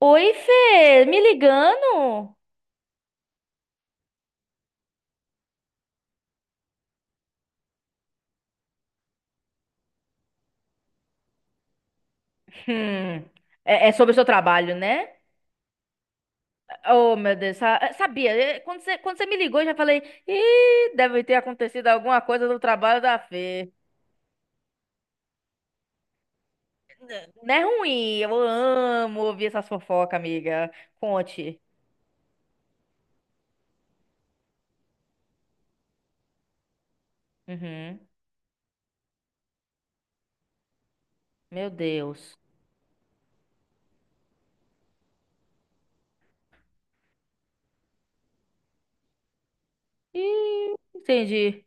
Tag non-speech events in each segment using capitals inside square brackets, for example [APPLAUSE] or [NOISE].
Oi, Fê, me ligando? Hum, é sobre o seu trabalho, né? Oh, meu Deus, sabia. Quando você me ligou, eu já falei, ih, deve ter acontecido alguma coisa no trabalho da Fê. Não é ruim, eu amo ouvir essas fofocas, amiga. Conte. Uhum, meu Deus. Ih, entendi.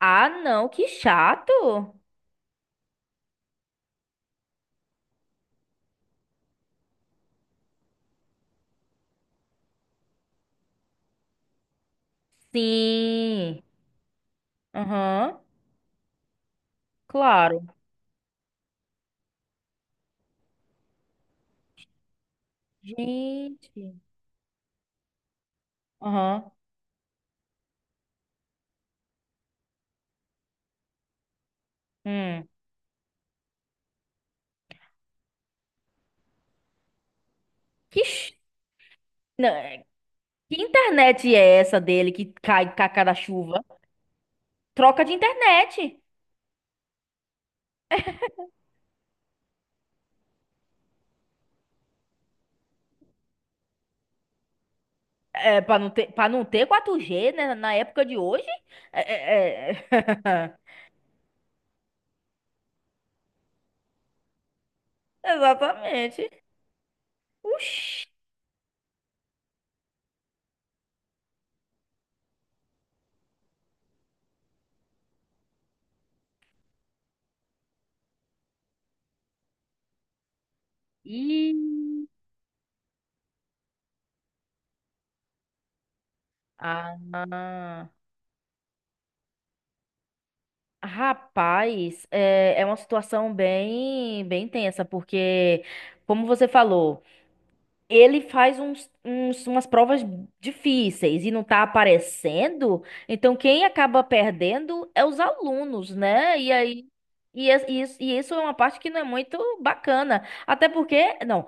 Ah, não, que chato. Sim. Aham, claro. Gente. Aham. Hum. Que Não, é- Que internet é essa dele que cai com a cada chuva? Troca de internet. É, para não ter 4G, né, na época de hoje? É, é, é. [LAUGHS] Exatamente. Oxi. Ih. Ah, rapaz, é uma situação bem, bem tensa, porque, como você falou. Ele faz umas provas difíceis e não tá aparecendo, então quem acaba perdendo é os alunos, né? E aí. E isso é uma parte que não é muito bacana. Até porque, não,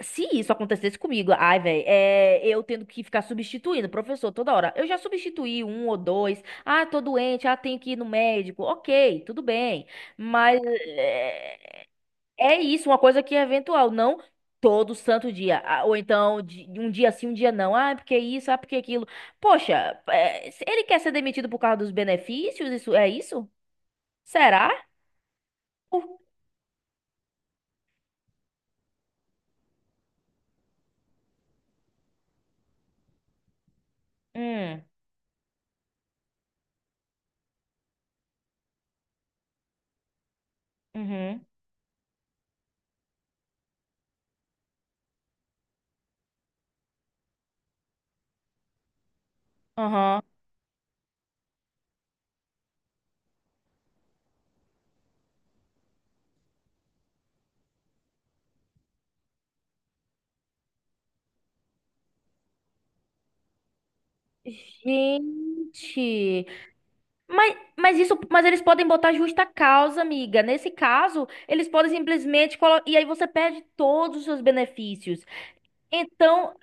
se isso acontecesse comigo, ai, velho, eu tendo que ficar substituindo o professor toda hora. Eu já substituí um ou dois. Ah, tô doente, ah, tenho que ir no médico. Ok, tudo bem. Mas é isso, uma coisa que é eventual, não todo santo dia. Ah, ou então, um dia sim, um dia não. Ah, porque isso, ah, porque aquilo. Poxa, se ele quer ser demitido por causa dos benefícios? Isso é isso? Será? Por- Hum, uhum, aham. Gente, mas isso, mas eles podem botar justa causa, amiga. Nesse caso, eles podem simplesmente colocar, e aí você perde todos os seus benefícios. Então,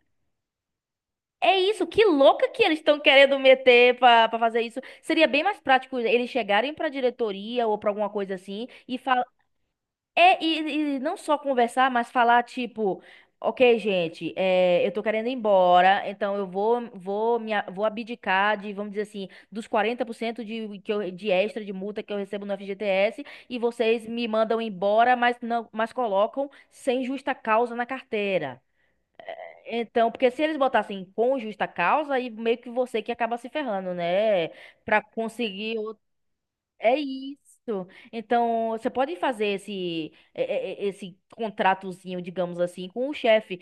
é isso, que louca que eles estão querendo meter pra fazer isso. Seria bem mais prático eles chegarem pra diretoria ou pra alguma coisa assim e falar. É, e não só conversar, mas falar tipo: ok, gente, eu tô querendo ir embora, então eu vou abdicar de, vamos dizer assim, dos 40% de extra de multa que eu recebo no FGTS e vocês me mandam embora, mas, não, mas colocam sem justa causa na carteira. Então, porque se eles botassem com justa causa, aí meio que você que acaba se ferrando, né? Pra conseguir. É isso. Então, você pode fazer esse, é, é, é, esse contratozinho, digamos assim, com o chefe.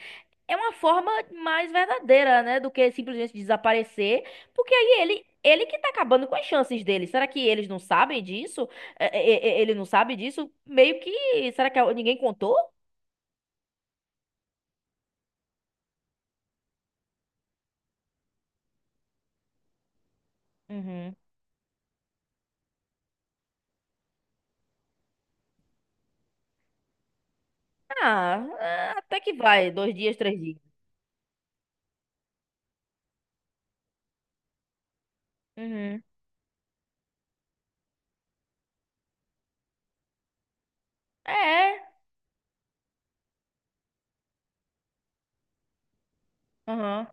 É uma forma mais verdadeira, né? Do que simplesmente desaparecer. Porque aí ele. Ele que tá acabando com as chances dele. Será que eles não sabem disso? Ele não sabe disso? Meio que. Será que ninguém contou? Uhum. Ah, até que vai. Dois dias, três dias. Uhum. É. Aham.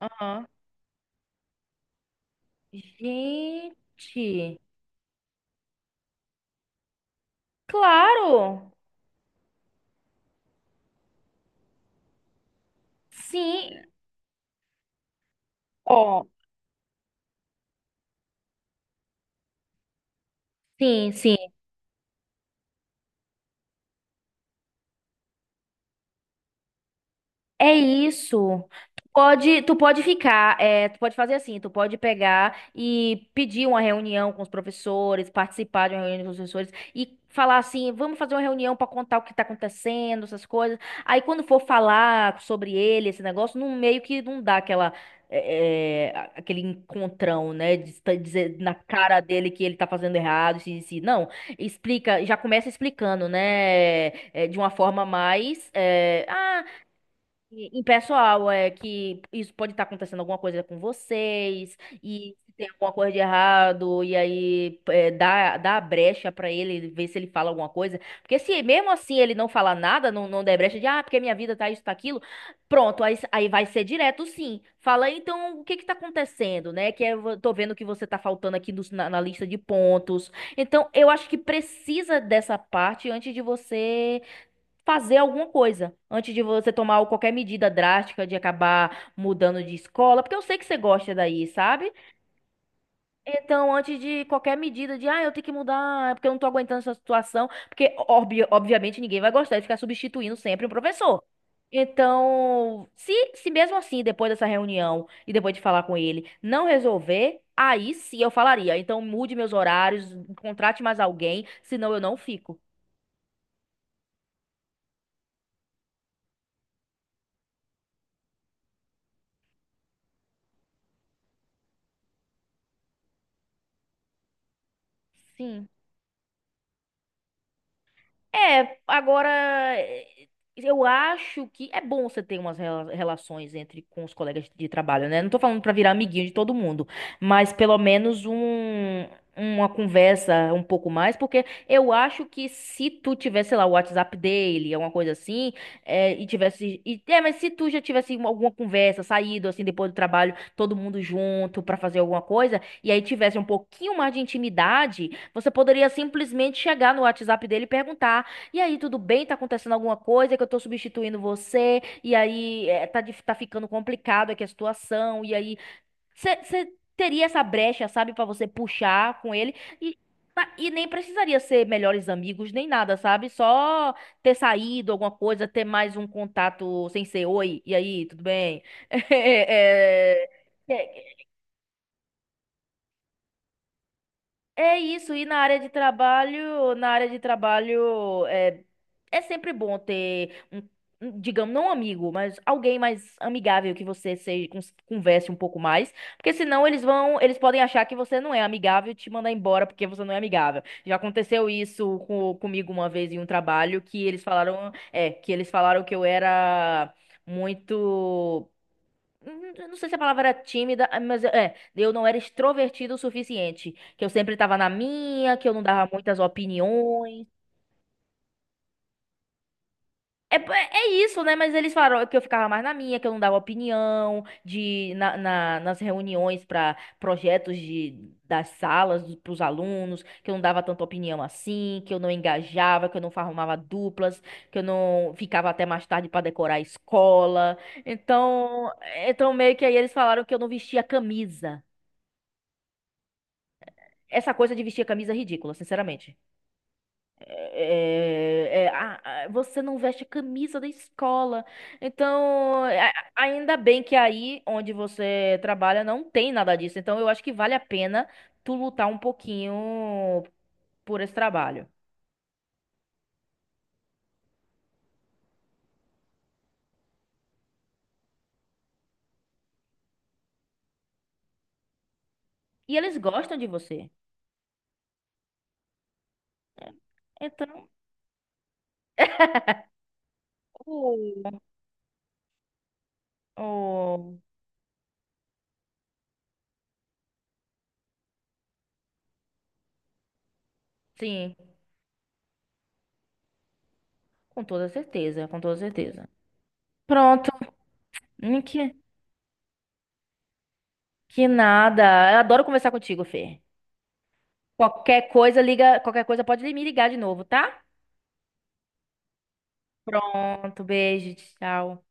Aham. Gente, claro. Sim. Ó. Sim, sim, é isso. Tu pode ficar, tu pode fazer assim, tu pode pegar e pedir uma reunião com os professores, participar de uma reunião com os professores e falar assim, vamos fazer uma reunião para contar o que está acontecendo, essas coisas. Aí quando for falar sobre ele, esse negócio, não meio que não dá aquela aquele encontrão, né, de dizer na cara dele que ele tá fazendo errado, assim, assim. Não, explica, já começa explicando, né, de uma forma mais, pessoal, é que isso pode estar acontecendo alguma coisa com vocês, e se tem alguma coisa de errado, e aí dá a brecha pra ele, ver se ele fala alguma coisa. Porque se mesmo assim ele não falar nada, não der brecha de, ah, porque minha vida tá isso, tá aquilo, pronto, aí vai ser direto sim. Fala, então, o que que tá acontecendo, né? Que eu tô vendo que você tá faltando aqui na lista de pontos. Então, eu acho que precisa dessa parte antes de você fazer alguma coisa antes de você tomar qualquer medida drástica de acabar mudando de escola, porque eu sei que você gosta daí, sabe? Então, antes de qualquer medida de, eu tenho que mudar, é porque eu não tô aguentando essa situação, porque obviamente ninguém vai gostar de ficar substituindo sempre um professor. Então, se mesmo assim, depois dessa reunião e depois de falar com ele, não resolver, aí sim eu falaria. Então, mude meus horários, contrate mais alguém, senão eu não fico. Sim. É, agora eh, eu acho que é bom você ter umas relações entre com os colegas de trabalho, né? Não tô falando pra virar amiguinho de todo mundo, mas pelo menos uma conversa um pouco mais, porque eu acho que se tu tivesse, sei lá, o WhatsApp dele, alguma coisa assim, mas se tu já tivesse alguma conversa, saído assim depois do trabalho, todo mundo junto pra fazer alguma coisa, e aí tivesse um pouquinho mais de intimidade, você poderia simplesmente chegar no WhatsApp dele e perguntar e aí, tudo bem? Tá acontecendo alguma coisa que eu tô substituindo você? E aí, tá ficando complicado aqui a situação. E aí, você teria essa brecha, sabe, pra você puxar com ele. E, e nem precisaria ser melhores amigos, nem nada, sabe? Só ter saído alguma coisa, ter mais um contato sem ser oi. E aí, tudo bem? [LAUGHS] É, é, É isso, e na área de trabalho, na área de trabalho é é sempre bom ter um, digamos, não um amigo, mas alguém mais amigável que você seja, converse um pouco mais, porque senão eles podem achar que você não é amigável e te mandar embora porque você não é amigável. Já aconteceu isso comigo uma vez em um trabalho que eles falaram que eu era muito. Eu não sei se a palavra era tímida, ah, mas eu não era extrovertido o suficiente. Que eu sempre tava na minha, que eu não dava muitas opiniões. É, é é isso, né? Mas eles falaram que eu ficava mais na minha, que eu não dava opinião, nas reuniões para projetos de, das salas para os alunos, que eu não dava tanta opinião assim, que eu não engajava, que eu não formava duplas, que eu não ficava até mais tarde para decorar a escola. Então, então meio que aí eles falaram que eu não vestia camisa. Essa coisa de vestir a camisa é ridícula, sinceramente. Você não veste a camisa da escola. Então, ainda bem que aí onde você trabalha não tem nada disso. Então, eu acho que vale a pena tu lutar um pouquinho por esse trabalho. E eles gostam de você. Então, oh, oh, sim, com toda certeza, com toda certeza. Pronto. Hum, Que, que nada. Eu adoro conversar contigo, Fê. Qualquer coisa, liga, qualquer coisa pode me ligar de novo, tá? Pronto, beijo, tchau.